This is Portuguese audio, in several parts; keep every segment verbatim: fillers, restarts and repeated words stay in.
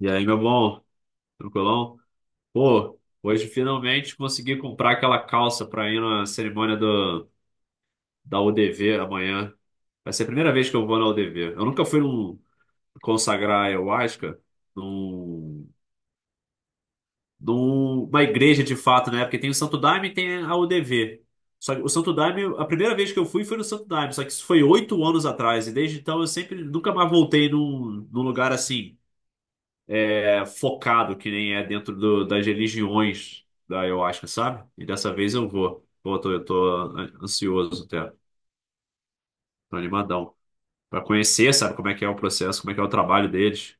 E aí, meu bom? Tranquilão? Pô, hoje finalmente consegui comprar aquela calça pra ir na cerimônia do, da U D V amanhã. Vai ser a primeira vez que eu vou na U D V. Eu nunca fui num, consagrar ayahuasca num, numa igreja de fato, né? Porque tem o Santo Daime e tem a U D V. Só que o Santo Daime, a primeira vez que eu fui foi no Santo Daime, só que isso foi oito anos atrás. E desde então eu sempre nunca mais voltei num, num lugar assim. É focado, que nem é dentro do- das religiões da ayahuasca, sabe? E dessa vez eu vou. Pô, eu tô- eu tô ansioso até, tô animadão. Pra conhecer, sabe, como é que é o processo, como é que é o trabalho deles.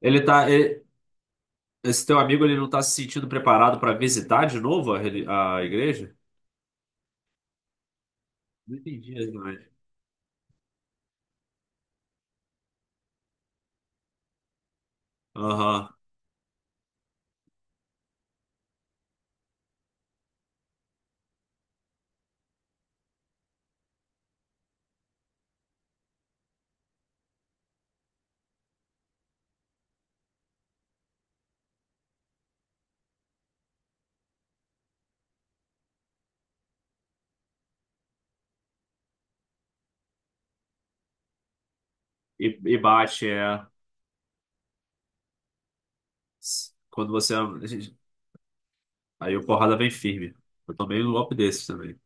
Ele tá. ele- Esse teu amigo, ele não tá se sentindo preparado pra visitar de novo a, reli- a igreja? Não entendi isso, mas. Aham. E, e bate, é. Quando você. Aí o porrada vem firme. Eu tomei um golpe desses também.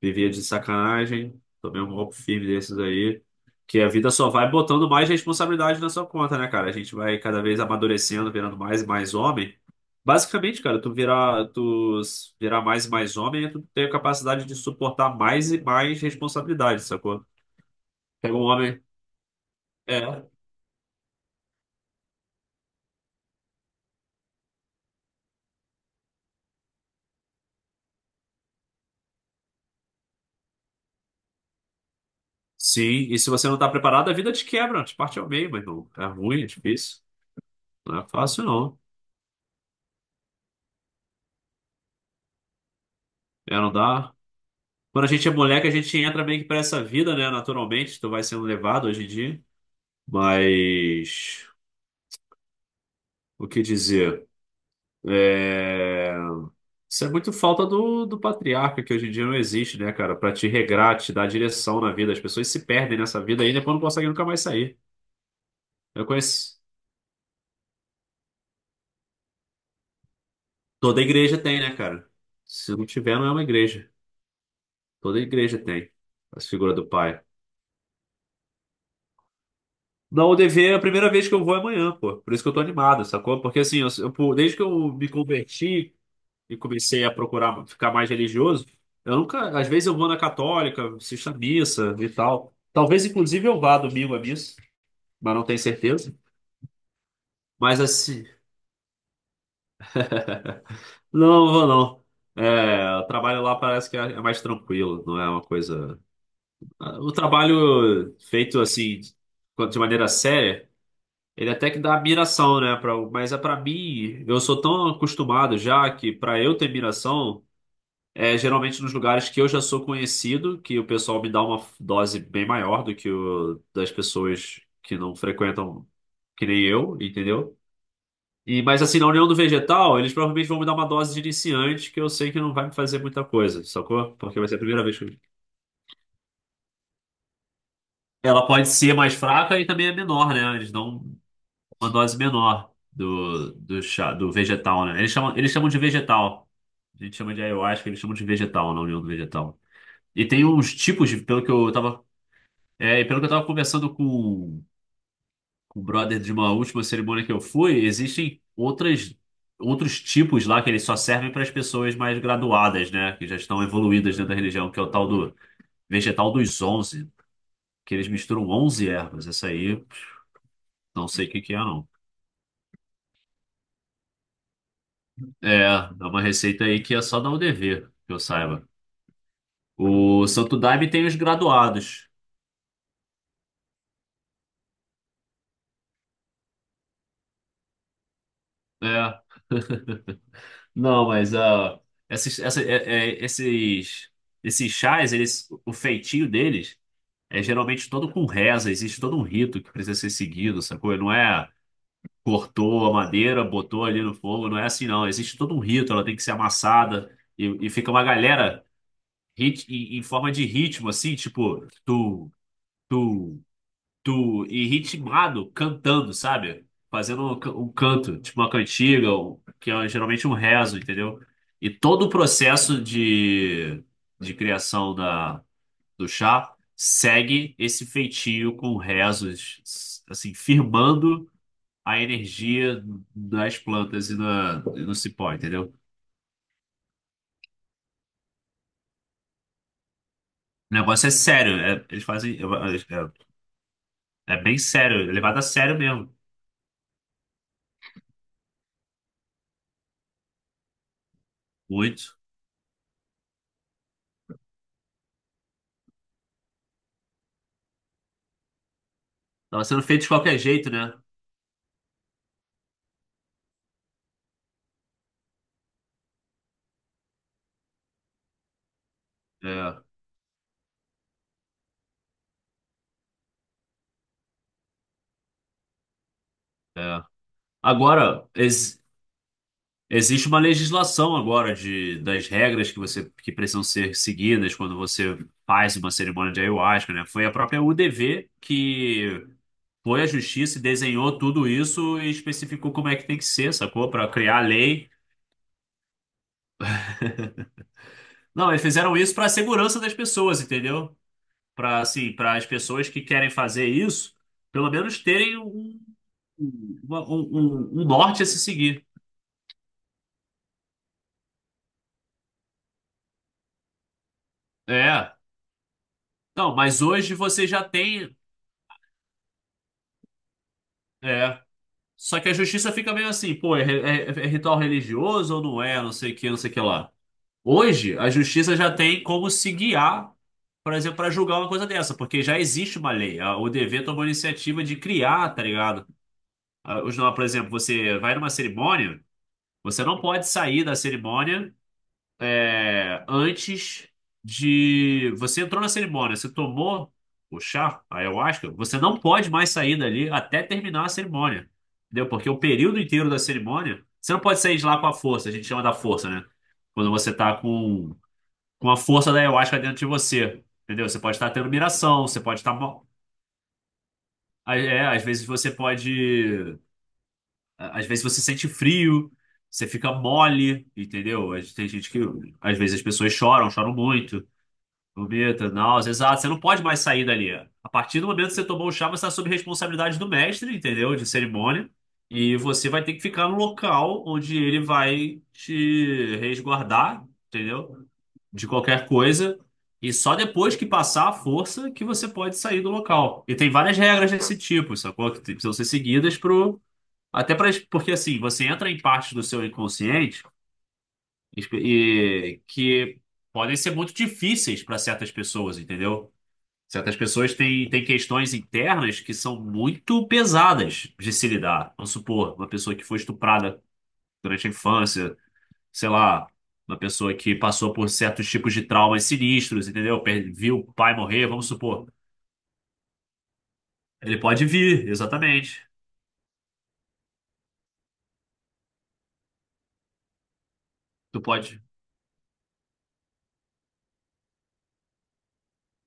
Vivia de sacanagem. Tomei um golpe firme desses aí. Que a vida só vai botando mais responsabilidade na sua conta, né, cara? A gente vai cada vez amadurecendo, virando mais e mais homem. Basicamente, cara, tu virar, tu s- virar mais e mais homem, é tu tem a capacidade de suportar mais e mais responsabilidade, sacou? Pega um homem. É. Sim, e se você não tá preparado, a vida te quebra, te parte ao meio, mas não. É ruim, é difícil. Não é fácil, não. É, não dá. Quando a gente é moleque, a gente entra meio que pra essa vida, né? Naturalmente, tu vai sendo levado hoje em dia. Mas o que dizer? É... Isso é muito falta do, do patriarca, que hoje em dia não existe, né, cara? Pra te regrar, te dar direção na vida. As pessoas se perdem nessa vida aí e depois não conseguem nunca mais sair. Eu conheço. Toda igreja tem, né, cara? Se não tiver, não é uma igreja. Toda igreja tem a figura do pai. Na U D V é a primeira vez que eu vou é amanhã, pô. Por isso que eu tô animado, sacou? Porque assim, eu, eu- desde que eu me converti e comecei a procurar ficar mais religioso, eu nunca, às vezes eu vou na católica, assisto à missa e tal. Talvez inclusive eu vá domingo à missa, mas não tenho certeza. Mas assim, não vou não. É, o trabalho lá parece que é é mais tranquilo, não é uma coisa. ah, O trabalho feito assim, de maneira séria, ele até que dá admiração, né? Pra, mas é para mim, eu sou tão acostumado já que para eu ter admiração. É, geralmente nos lugares que eu já sou conhecido, que o pessoal me dá uma dose bem maior do que o das pessoas que não frequentam, que nem eu, entendeu? E mas assim, na União do Vegetal, eles provavelmente vão me dar uma dose de iniciante que eu sei que não vai me fazer muita coisa, sacou? Porque vai ser a primeira vez que eu... Ela pode ser mais fraca e também é menor, né? Eles dão uma dose menor do, do chá, do vegetal, né? Eles chamam, eles chamam de vegetal. A gente chama de ayahuasca, eles chamam de vegetal na União do Vegetal. E tem uns tipos, de- pelo que eu tava. É, e pelo que eu estava conversando com, com o brother de uma última cerimônia que eu fui, existem outras, outros tipos lá que eles só servem para as pessoas mais graduadas, né? Que já estão evoluídas dentro da religião, que é o tal do vegetal dos onze, que eles misturam onze ervas. Essa aí, pff, não sei o que que é, não. É, é uma receita aí que é só dar o dever, que eu saiba. O Santo Daime tem os graduados. É, não, mas ah, esses, essa- é- é- esses, esses chás, eles, o feitinho deles é geralmente todo com reza, existe todo um rito que precisa ser seguido, sacou? Não é cortou a madeira, botou ali no fogo, não é assim não. Existe todo um rito, ela tem que ser amassada e, e fica uma galera rit, em, em forma de ritmo, assim, tipo tu, tu, tu, e ritmado, cantando, sabe? Fazendo um, ca- um canto, tipo uma cantiga, um- que é geralmente um rezo, entendeu? E todo o processo de, de criação do chá segue esse feitio com rezos, assim, firmando a energia das plantas e, na, e no cipó, entendeu? O negócio é sério, é- eles fazem. É, é é bem sério, é levado a sério mesmo. Muito. Tava sendo feito de qualquer jeito, né? É, é. Agora, ex- existe uma legislação agora de, das regras que você que precisam ser seguidas quando você faz uma cerimônia de ayahuasca, né? Foi a própria U D V que foi a justiça e desenhou tudo isso e especificou como é que tem que ser, sacou? Pra criar a lei. Não, eles fizeram isso pra segurança das pessoas, entendeu? Pra assim, para as pessoas que querem fazer isso, pelo menos terem um, uma- um, um- um norte a se seguir. É. Não, mas hoje você já tem. É. Só que a justiça fica meio assim, pô, é, é- é ritual religioso ou não é? Não sei o que, não sei o que lá. Hoje, a justiça já tem como se guiar, por exemplo, para julgar uma coisa dessa, porque já existe uma lei. A O D V tomou a iniciativa de criar, tá ligado? Ah, Os, não, por exemplo, você vai numa cerimônia, você não pode sair da cerimônia é, antes de. Você entrou na cerimônia, você tomou o chá, a ayahuasca, você não pode mais sair dali até terminar a cerimônia. Entendeu? Porque o período inteiro da cerimônia, você não pode sair de lá com a força, a gente chama da força, né? Quando você tá com com a força da ayahuasca dentro de você. Entendeu? Você pode estar tendo miração, você pode estar mal. Ah, É, às vezes você pode. Às vezes você sente frio, você fica mole, entendeu? Às- Tem gente que. Às vezes as pessoas choram, choram muito, vomita, náuseas. Exato, você não pode mais sair dali. A partir do momento que você tomou o chá, você está sob responsabilidade do mestre, entendeu? De cerimônia. E você vai ter que ficar no local onde ele vai te resguardar, entendeu, de qualquer coisa. E só depois que passar a força que você pode sair do local. E tem várias regras desse tipo, sacou? Que precisam ser seguidas pro... Até pra... Porque assim, você entra em partes do seu inconsciente e que podem ser muito difíceis para certas pessoas, entendeu? Certas pessoas têm, têm questões internas que são muito pesadas de se lidar. Vamos supor, uma pessoa que foi estuprada durante a infância, sei lá, uma pessoa que passou por certos tipos de traumas sinistros, entendeu? Per- Viu o pai morrer, vamos supor. Ele pode vir, exatamente. Tu pode.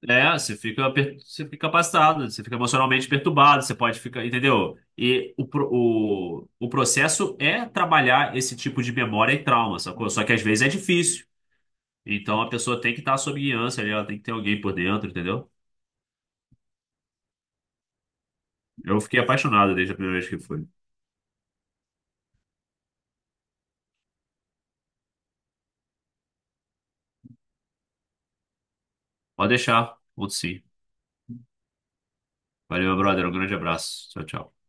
É, você fica, per- você fica passado, você fica emocionalmente perturbado, você pode ficar, entendeu? E o, pro- o, o processo é trabalhar esse tipo de memória e trauma, sacou? Só que às vezes é difícil. Então a pessoa tem que estar sob guiança ali, ela tem que ter alguém por dentro, entendeu? Eu fiquei apaixonado desde a primeira vez que fui. Pode deixar, outro sim. Valeu, meu brother. Um grande abraço. Tchau, tchau.